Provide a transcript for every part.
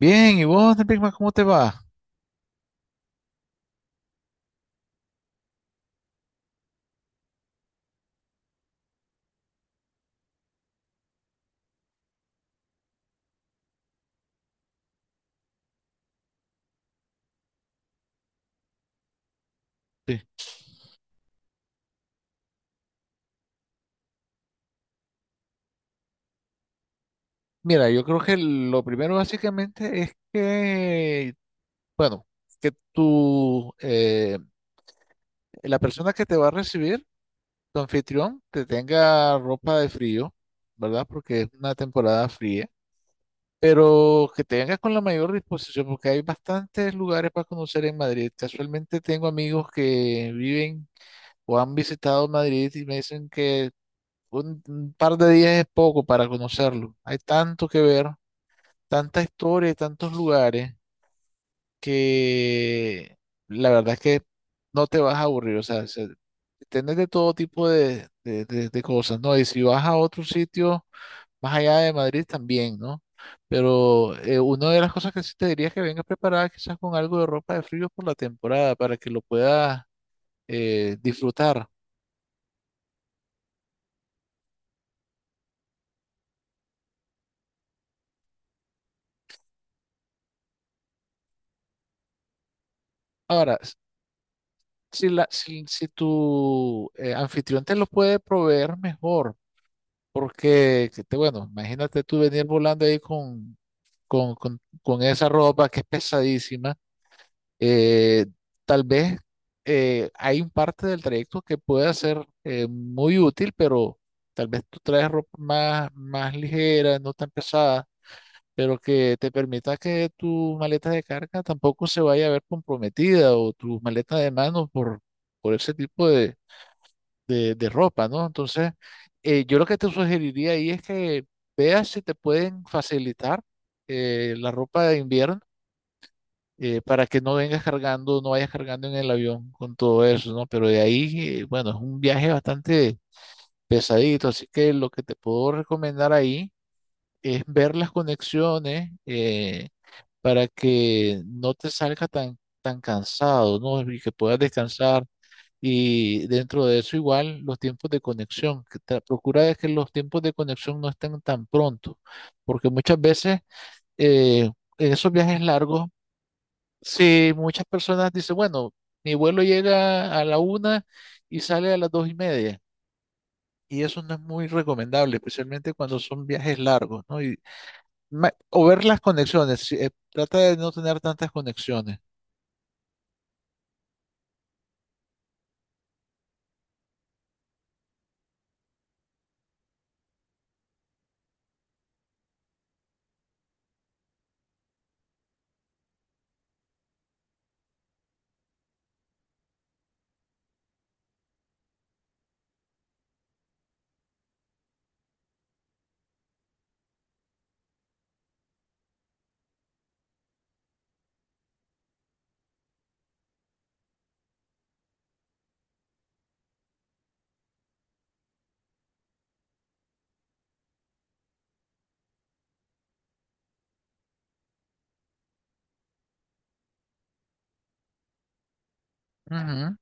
Bien, ¿y vos, Nepigma, cómo te va? Sí. Mira, yo creo que lo primero básicamente es que, bueno, que tú, la persona que te va a recibir, tu anfitrión, te tenga ropa de frío, ¿verdad? Porque es una temporada fría, pero que te vengas con la mayor disposición, porque hay bastantes lugares para conocer en Madrid. Casualmente tengo amigos que viven o han visitado Madrid y me dicen que un par de días es poco para conocerlo. Hay tanto que ver, tanta historia y tantos lugares que la verdad es que no te vas a aburrir. O sea, tenés de todo tipo de, de cosas, ¿no? Y si vas a otro sitio más allá de Madrid también, ¿no? Pero una de las cosas que sí te diría es que vengas preparada quizás con algo de ropa de frío por la temporada para que lo puedas disfrutar. Ahora, si, la, si, si tu anfitrión te lo puede proveer mejor, porque, que te, bueno, imagínate tú venir volando ahí con esa ropa que es pesadísima, eh, tal vez hay un parte del trayecto que pueda ser muy útil, pero tal vez tú traes ropa más, más ligera, no tan pesada, pero que te permita que tu maleta de carga tampoco se vaya a ver comprometida o tu maleta de mano por ese tipo de, de ropa, ¿no? Entonces, yo lo que te sugeriría ahí es que veas si te pueden facilitar la ropa de invierno para que no vengas cargando, no vayas cargando en el avión con todo eso, ¿no? Pero de ahí, bueno, es un viaje bastante pesadito, así que lo que te puedo recomendar ahí es ver las conexiones para que no te salga tan, tan cansado, ¿no? Y que puedas descansar y dentro de eso igual los tiempos de conexión, que procura de que los tiempos de conexión no estén tan pronto, porque muchas veces eh, en esos viajes largos, si muchas personas dicen, bueno, mi vuelo llega a la 1 y sale a las 2:30, y eso no es muy recomendable, especialmente cuando son viajes largos, ¿no? Y, o ver las conexiones, trata de no tener tantas conexiones. Ujú.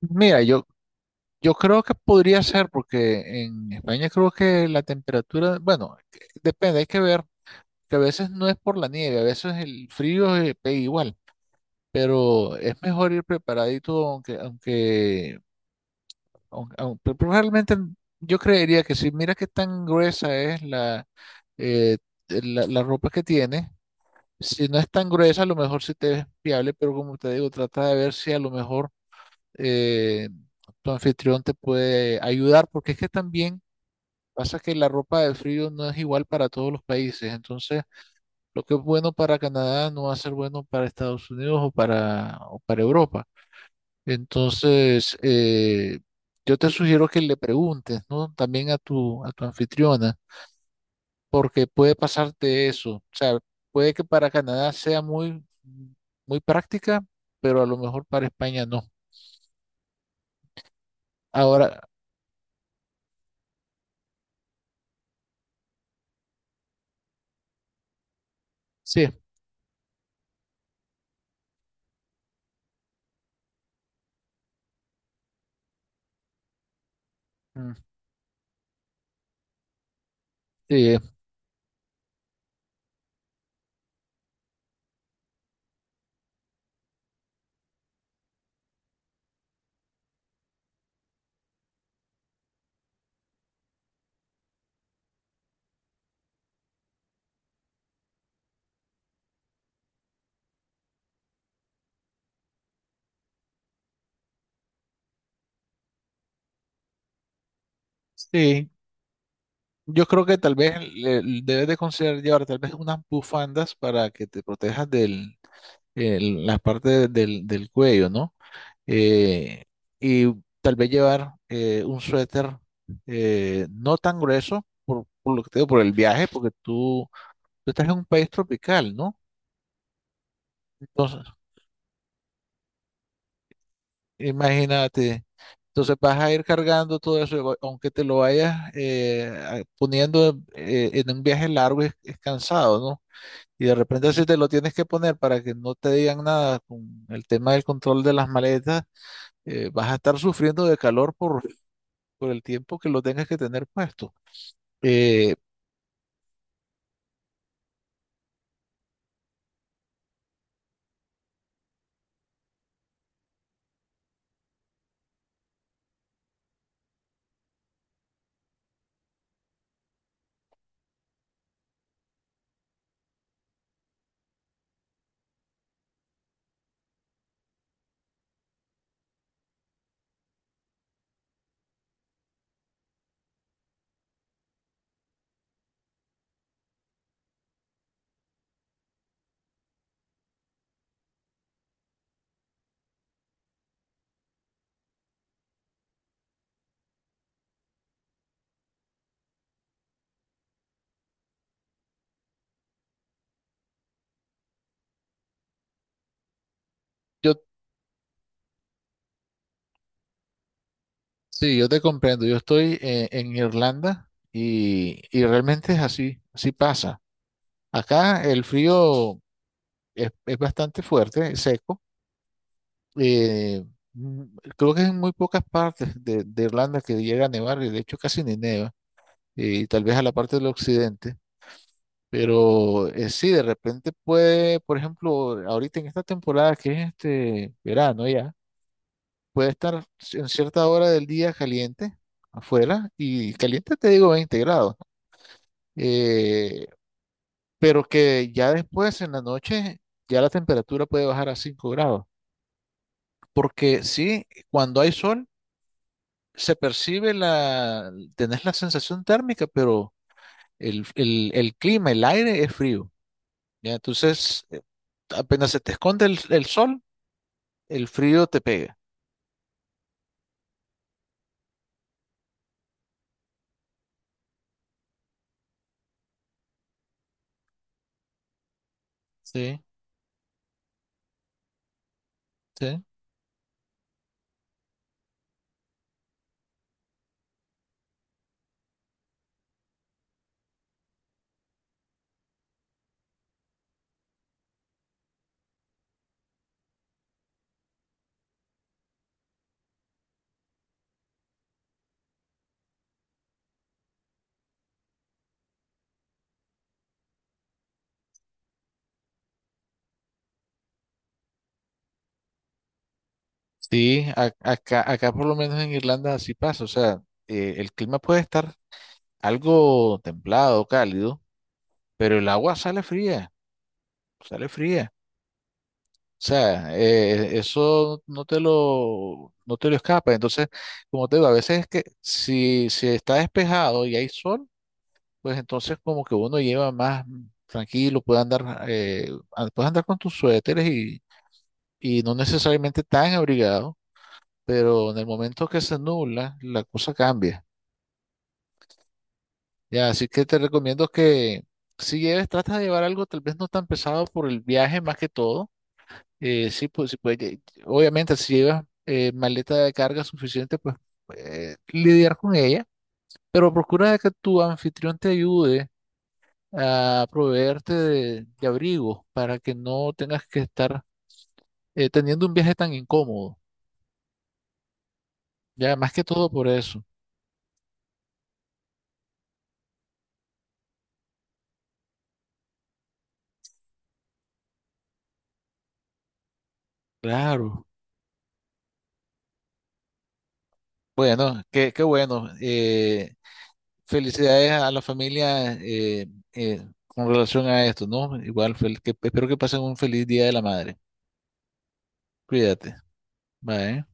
Mira, yo. Yo creo que podría ser porque en España creo que la temperatura, bueno, depende, hay que ver, que a veces no es por la nieve, a veces el frío pega igual, pero es mejor ir preparadito, aunque, aunque, pero probablemente yo creería que si mira qué tan gruesa es la, eh, la ropa que tiene, si no es tan gruesa, a lo mejor sí te es fiable, pero como te digo, trata de ver si a lo mejor eh, tu anfitrión te puede ayudar, porque es que también pasa que la ropa de frío no es igual para todos los países, entonces lo que es bueno para Canadá no va a ser bueno para Estados Unidos o para Europa. Entonces, yo te sugiero que le preguntes, ¿no? También a tu anfitriona, porque puede pasarte eso. O sea, puede que para Canadá sea muy, muy práctica, pero a lo mejor para España no. Ahora, sí, mm, sí, sí. Yo creo que tal vez debes de considerar llevar tal vez unas bufandas para que te protejas del la parte del, del cuello, ¿no? Eh, y tal vez llevar un suéter no tan grueso por lo que te digo, por el viaje, porque tú estás en un país tropical, ¿no? Entonces, imagínate, entonces vas a ir cargando todo eso, aunque te lo vayas poniendo en un viaje largo, es cansado, ¿no? Y de repente si te lo tienes que poner para que no te digan nada con el tema del control de las maletas, vas a estar sufriendo de calor por el tiempo que lo tengas que tener puesto. Eh, yo, sí, yo te comprendo. Yo estoy en Irlanda y realmente es así, así pasa. Acá el frío es bastante fuerte, es seco. eh, mm, creo que en muy pocas partes de Irlanda que llega a nevar y de hecho casi ni neva, y tal vez a la parte del occidente. Pero sí, de repente puede, por ejemplo, ahorita en esta temporada que es este verano ya, puede estar en cierta hora del día caliente afuera y caliente te digo 20 grados, eh, pero que ya después en la noche ya la temperatura puede bajar a 5 grados, porque sí, cuando hay sol se percibe la, tenés la sensación térmica, pero el, el clima, el aire es frío, ¿ya? Entonces apenas se te esconde el sol, el frío te pega, sí, sí, sí, acá, acá por lo menos en Irlanda así pasa, o sea, el clima puede estar algo templado, cálido, pero el agua sale fría, o sea, eso no te lo, no te lo escapa, entonces, como te digo, a veces es que si, si está despejado y hay sol, pues entonces como que uno lleva más tranquilo, eh, puede andar con tus suéteres y no necesariamente tan abrigado pero en el momento que se nubla, la cosa cambia. Ya, así que te recomiendo que si lleves, tratas de llevar algo tal vez no tan pesado por el viaje más que todo. Sí, pues, obviamente si llevas maleta de carga suficiente, pues lidiar con ella, pero procura de que tu anfitrión te ayude a proveerte de abrigo para que no tengas que estar teniendo un viaje tan incómodo. Ya, más que todo por eso. Claro. Bueno, qué, qué bueno. Felicidades a la familia con relación a esto, ¿no? Igual, espero que pasen un feliz Día de la Madre. Cuídate. Bye.